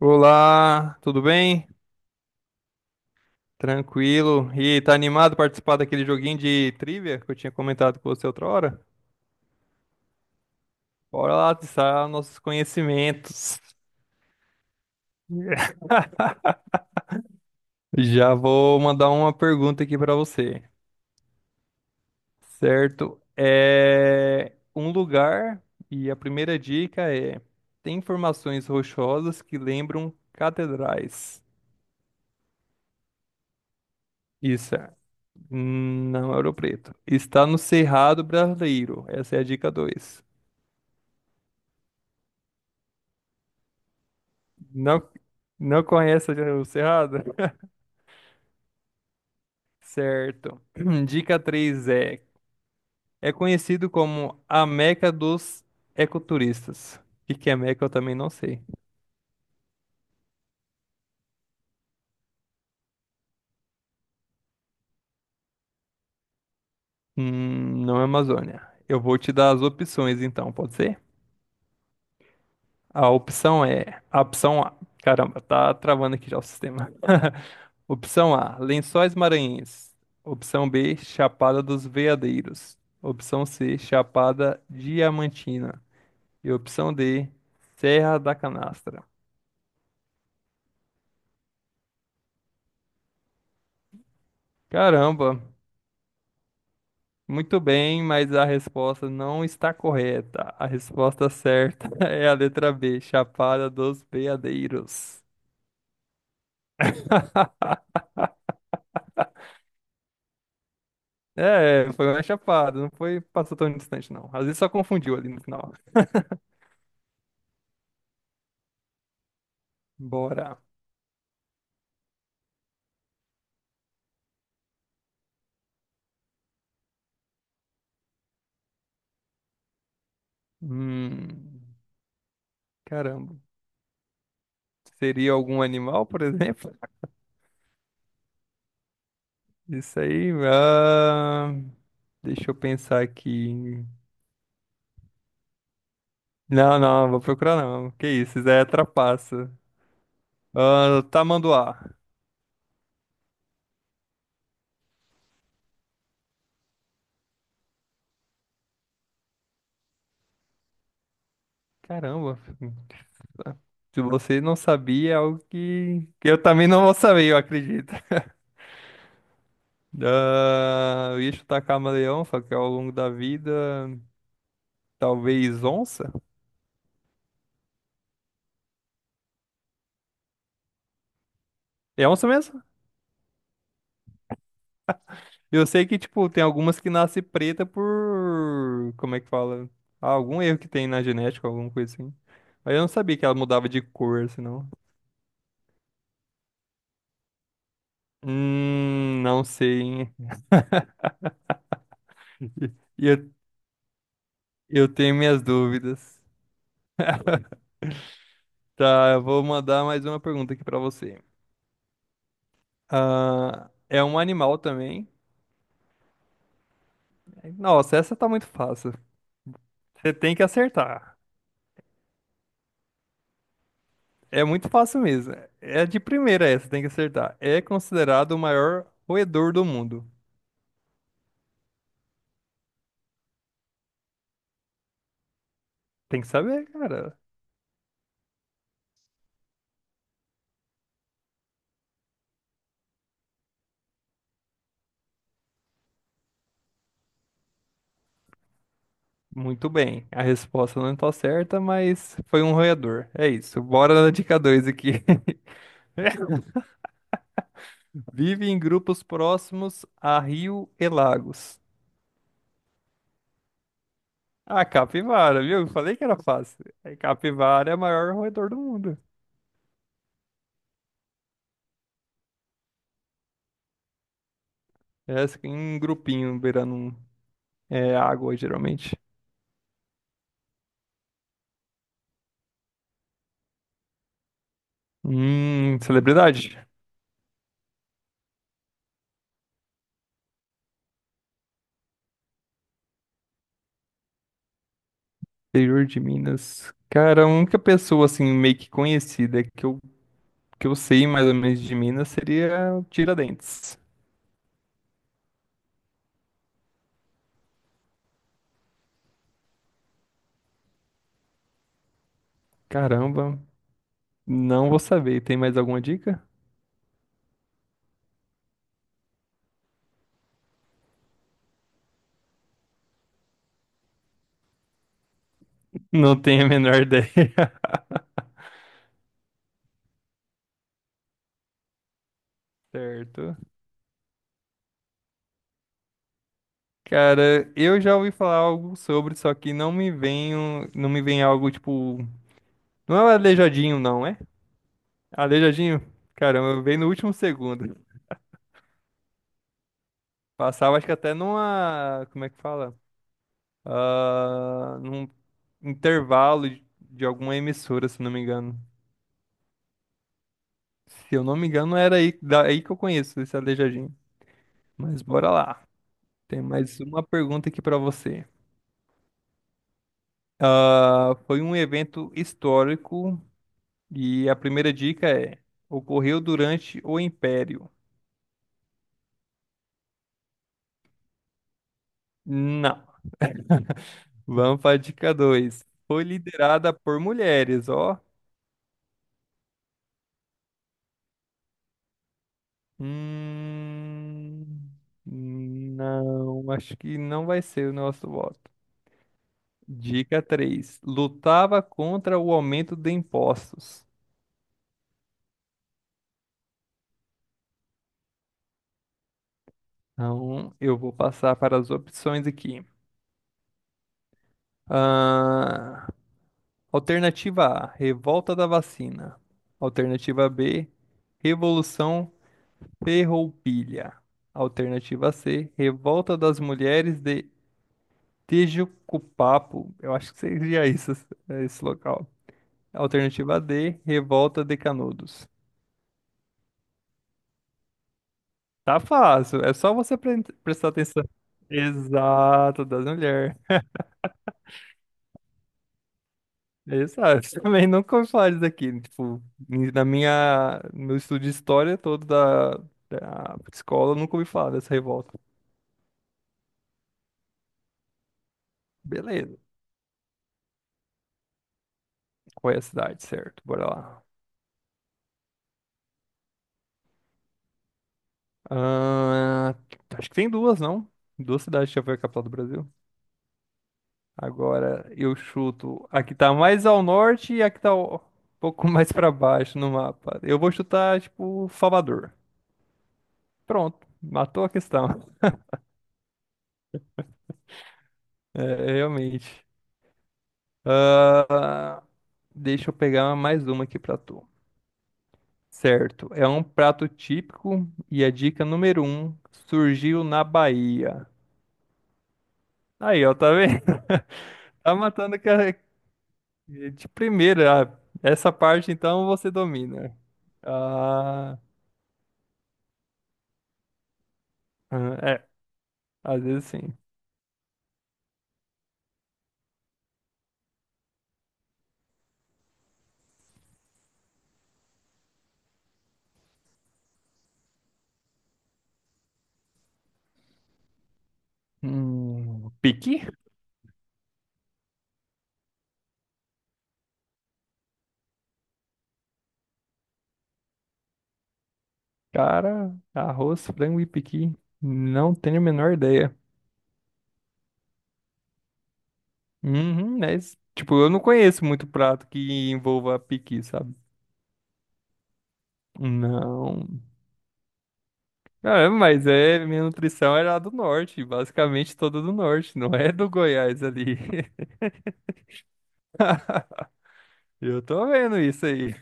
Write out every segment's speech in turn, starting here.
Olá, tudo bem? Tranquilo? E tá animado para participar daquele joguinho de trivia que eu tinha comentado com você outra hora? Bora lá testar nossos conhecimentos. Já vou mandar uma pergunta aqui para você, certo? É um lugar e a primeira dica é: tem formações rochosas que lembram catedrais. Isso, é. Não é Ouro Preto. Está no Cerrado Brasileiro. Essa é a dica 2. Não, não conhece o Cerrado? Certo. Dica 3 é: é conhecido como a Meca dos ecoturistas. O que que é Meca eu também não sei. Não é Amazônia. Eu vou te dar as opções então, pode ser? A opção é: a opção A. Caramba, tá travando aqui já o sistema. Opção A: Lençóis Maranhenses. Opção B: Chapada dos Veadeiros. Opção C: Chapada Diamantina. E opção D, Serra da Canastra. Caramba, muito bem, mas a resposta não está correta. A resposta certa é a letra B, Chapada dos Veadeiros. É, foi uma chapada, não foi, passou tão distante, não. Às vezes só confundiu ali no final. Bora. Hum, Caramba. Seria algum animal, por exemplo? Isso aí. Deixa eu pensar aqui. Não, não, vou procurar não. Que isso é trapaça. Ah, tamanduá. Caramba. Se você não sabia, é algo que eu também não vou saber, eu acredito. Ah, eu ia chutar camaleão, só que ao longo da vida, talvez onça. É onça mesmo? Eu sei que, tipo, tem algumas que nascem preta por... Como é que fala? Ah, algum erro que tem na genética, alguma coisa assim. Mas eu não sabia que ela mudava de cor, assim, não. Não sei, hein? Ia Eu tenho minhas dúvidas. Tá, eu vou mandar mais uma pergunta aqui pra você. Ah, é um animal também. Nossa, essa tá muito fácil. Você tem que acertar. É muito fácil mesmo. É de primeira essa, tem que acertar. É considerado o maior roedor do mundo. Tem que saber, cara. Muito bem. A resposta não tá certa, mas foi um roedor. É isso. Bora na dica 2 aqui. Vive em grupos próximos a rio e lagos. A capivara, viu? Falei que era fácil. A capivara é o maior roedor do mundo. Essa fica em grupinho, beirando é, água, geralmente. Celebridade. Interior de Minas. Cara, a única pessoa, assim, meio que conhecida que eu sei mais ou menos de Minas seria o Tiradentes. Caramba, não vou saber. Tem mais alguma dica? Não tenho a menor ideia. Certo. Cara, eu já ouvi falar algo sobre, só que não me vem, não me vem algo tipo. Não é o Aleijadinho, não, é? Aleijadinho? Caramba, veio no último segundo. Passava, acho que até numa. Como é que fala? Ah, num intervalo de alguma emissora, se não me engano. Se eu não me engano, era aí, daí que eu conheço esse Aleijadinho. Mas bora lá. Tem mais uma pergunta aqui pra você. Ah, foi um evento histórico e a primeira dica é: ocorreu durante o Império? Não. Vamos para a dica 2. Foi liderada por mulheres, ó. Hum, não, acho que não vai ser o nosso voto. Dica 3. Lutava contra o aumento de impostos. Então, eu vou passar para as opções aqui. Ah, alternativa A, revolta da vacina. Alternativa B, revolução ferroupilha. Alternativa C, revolta das mulheres de Tejucupapo, eu acho que seria isso, é esse local. Alternativa D, Revolta de Canudos. Tá fácil, é só você prestar atenção. Exato, das mulheres. Exato, também nunca ouvi falar disso aqui. Tipo, na no meu estudo de história todo da escola, eu nunca ouvi falar dessa revolta. Beleza, qual é a cidade, certo? Bora lá. Ah, acho que tem duas, não? Duas cidades que já foi a capital do Brasil. Agora eu chuto a que tá mais ao norte e a que tá um pouco mais pra baixo no mapa. Eu vou chutar, tipo, Salvador. Pronto, matou a questão. É, realmente. Ah, deixa eu pegar mais uma aqui pra tu. Certo, é um prato típico e a dica número um surgiu na Bahia. Aí, ó, tá vendo? Tá matando que a- de primeira. Ah, essa parte, então, você domina. Ah, é, às vezes sim. Piqui? Cara, arroz, frango e piqui. Não tenho a menor ideia. Uhum, é isso. Tipo, eu não conheço muito prato que envolva piqui, sabe? Não. Minha nutrição é lá do norte, basicamente toda do norte, não é do Goiás ali. Eu tô vendo isso aí.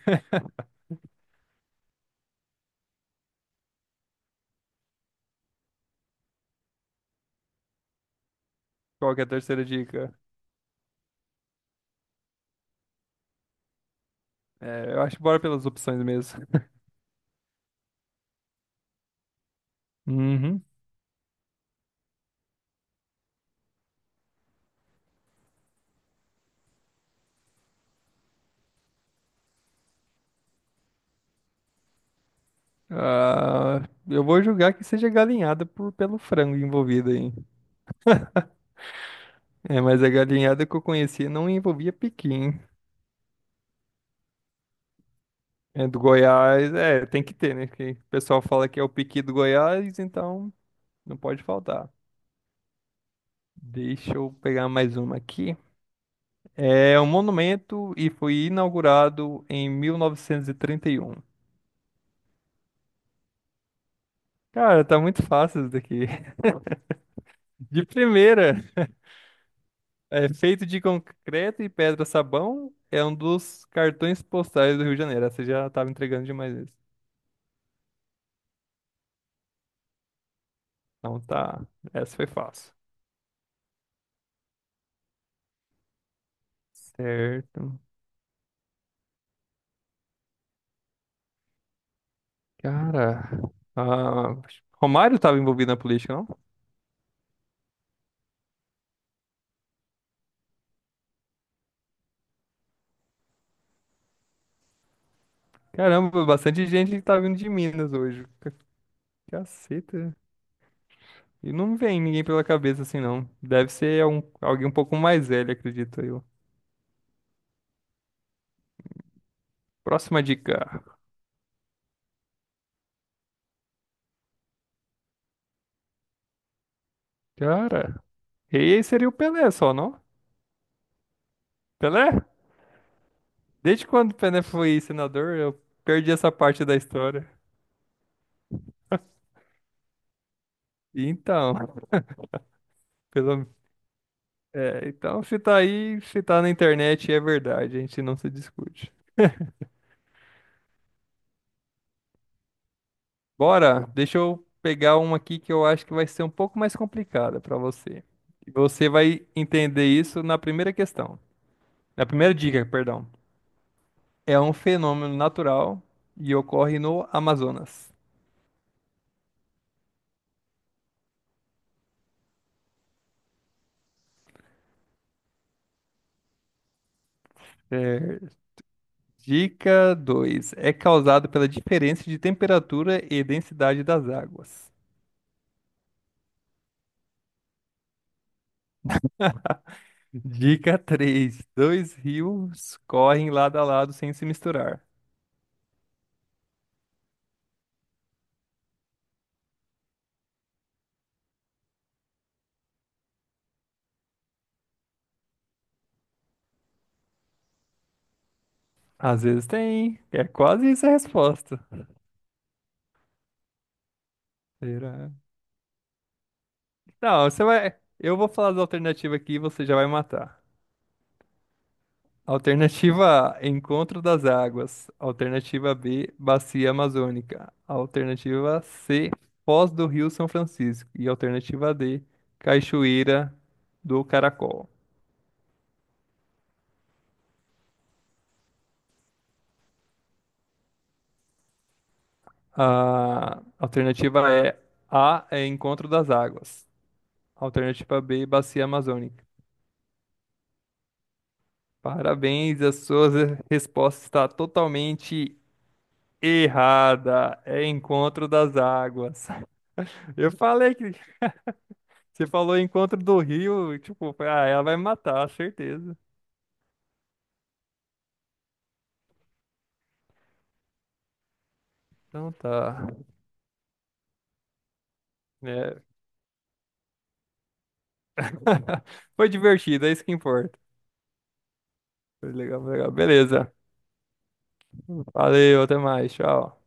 Qual que é a terceira dica? É, eu acho que bora pelas opções mesmo. Uhum. Ah, eu vou julgar que seja galinhada pelo frango envolvido aí. É, mas a galinhada que eu conheci não envolvia piqui, hein? É do Goiás, é, tem que ter, né? Porque o pessoal fala que é o piqui do Goiás, então não pode faltar. Deixa eu pegar mais uma aqui. É um monumento e foi inaugurado em 1931. Cara, tá muito fácil isso daqui. De primeira. É feito de concreto e pedra sabão. É um dos cartões postais do Rio de Janeiro. Essa já tava entregando demais isso. Então tá. Essa foi fácil. Certo. Cara. Ah, Romário tava envolvido na política, não? Caramba, bastante gente que tá vindo de Minas hoje. Caceta. E não me vem ninguém pela cabeça assim, não. Deve ser alguém um pouco mais velho, acredito eu. Próxima dica. Cara. Rei seria o Pelé só, não? Pelé? Desde quando o Pené foi senador, eu perdi essa parte da história. E Então, pelo... é, então se tá aí, se tá na internet, é verdade, a gente não se discute. Bora, deixa eu pegar uma aqui que eu acho que vai ser um pouco mais complicada pra você. E você vai entender isso na primeira questão. Na primeira dica, perdão. É um fenômeno natural e ocorre no Amazonas. É, Dica 2, é causado pela diferença de temperatura e densidade das águas. Dica 3: dois rios correm lado a lado sem se misturar. Às vezes tem. É quase isso a resposta. Será? Não, você vai. Eu vou falar da alternativa aqui e você já vai matar. Alternativa A, Encontro das Águas. Alternativa B, Bacia Amazônica. Alternativa C, Foz do Rio São Francisco. E alternativa D, Cachoeira do Caracol. A alternativa é A, é Encontro das Águas. Alternativa B, Bacia Amazônica. Parabéns, a sua resposta está totalmente errada. É Encontro das Águas. Eu falei que você falou Encontro do Rio, tipo, ah, ela vai me matar, certeza. Então tá. É. Foi divertido, é isso que importa. Foi legal, foi legal. Beleza. Valeu, até mais, tchau.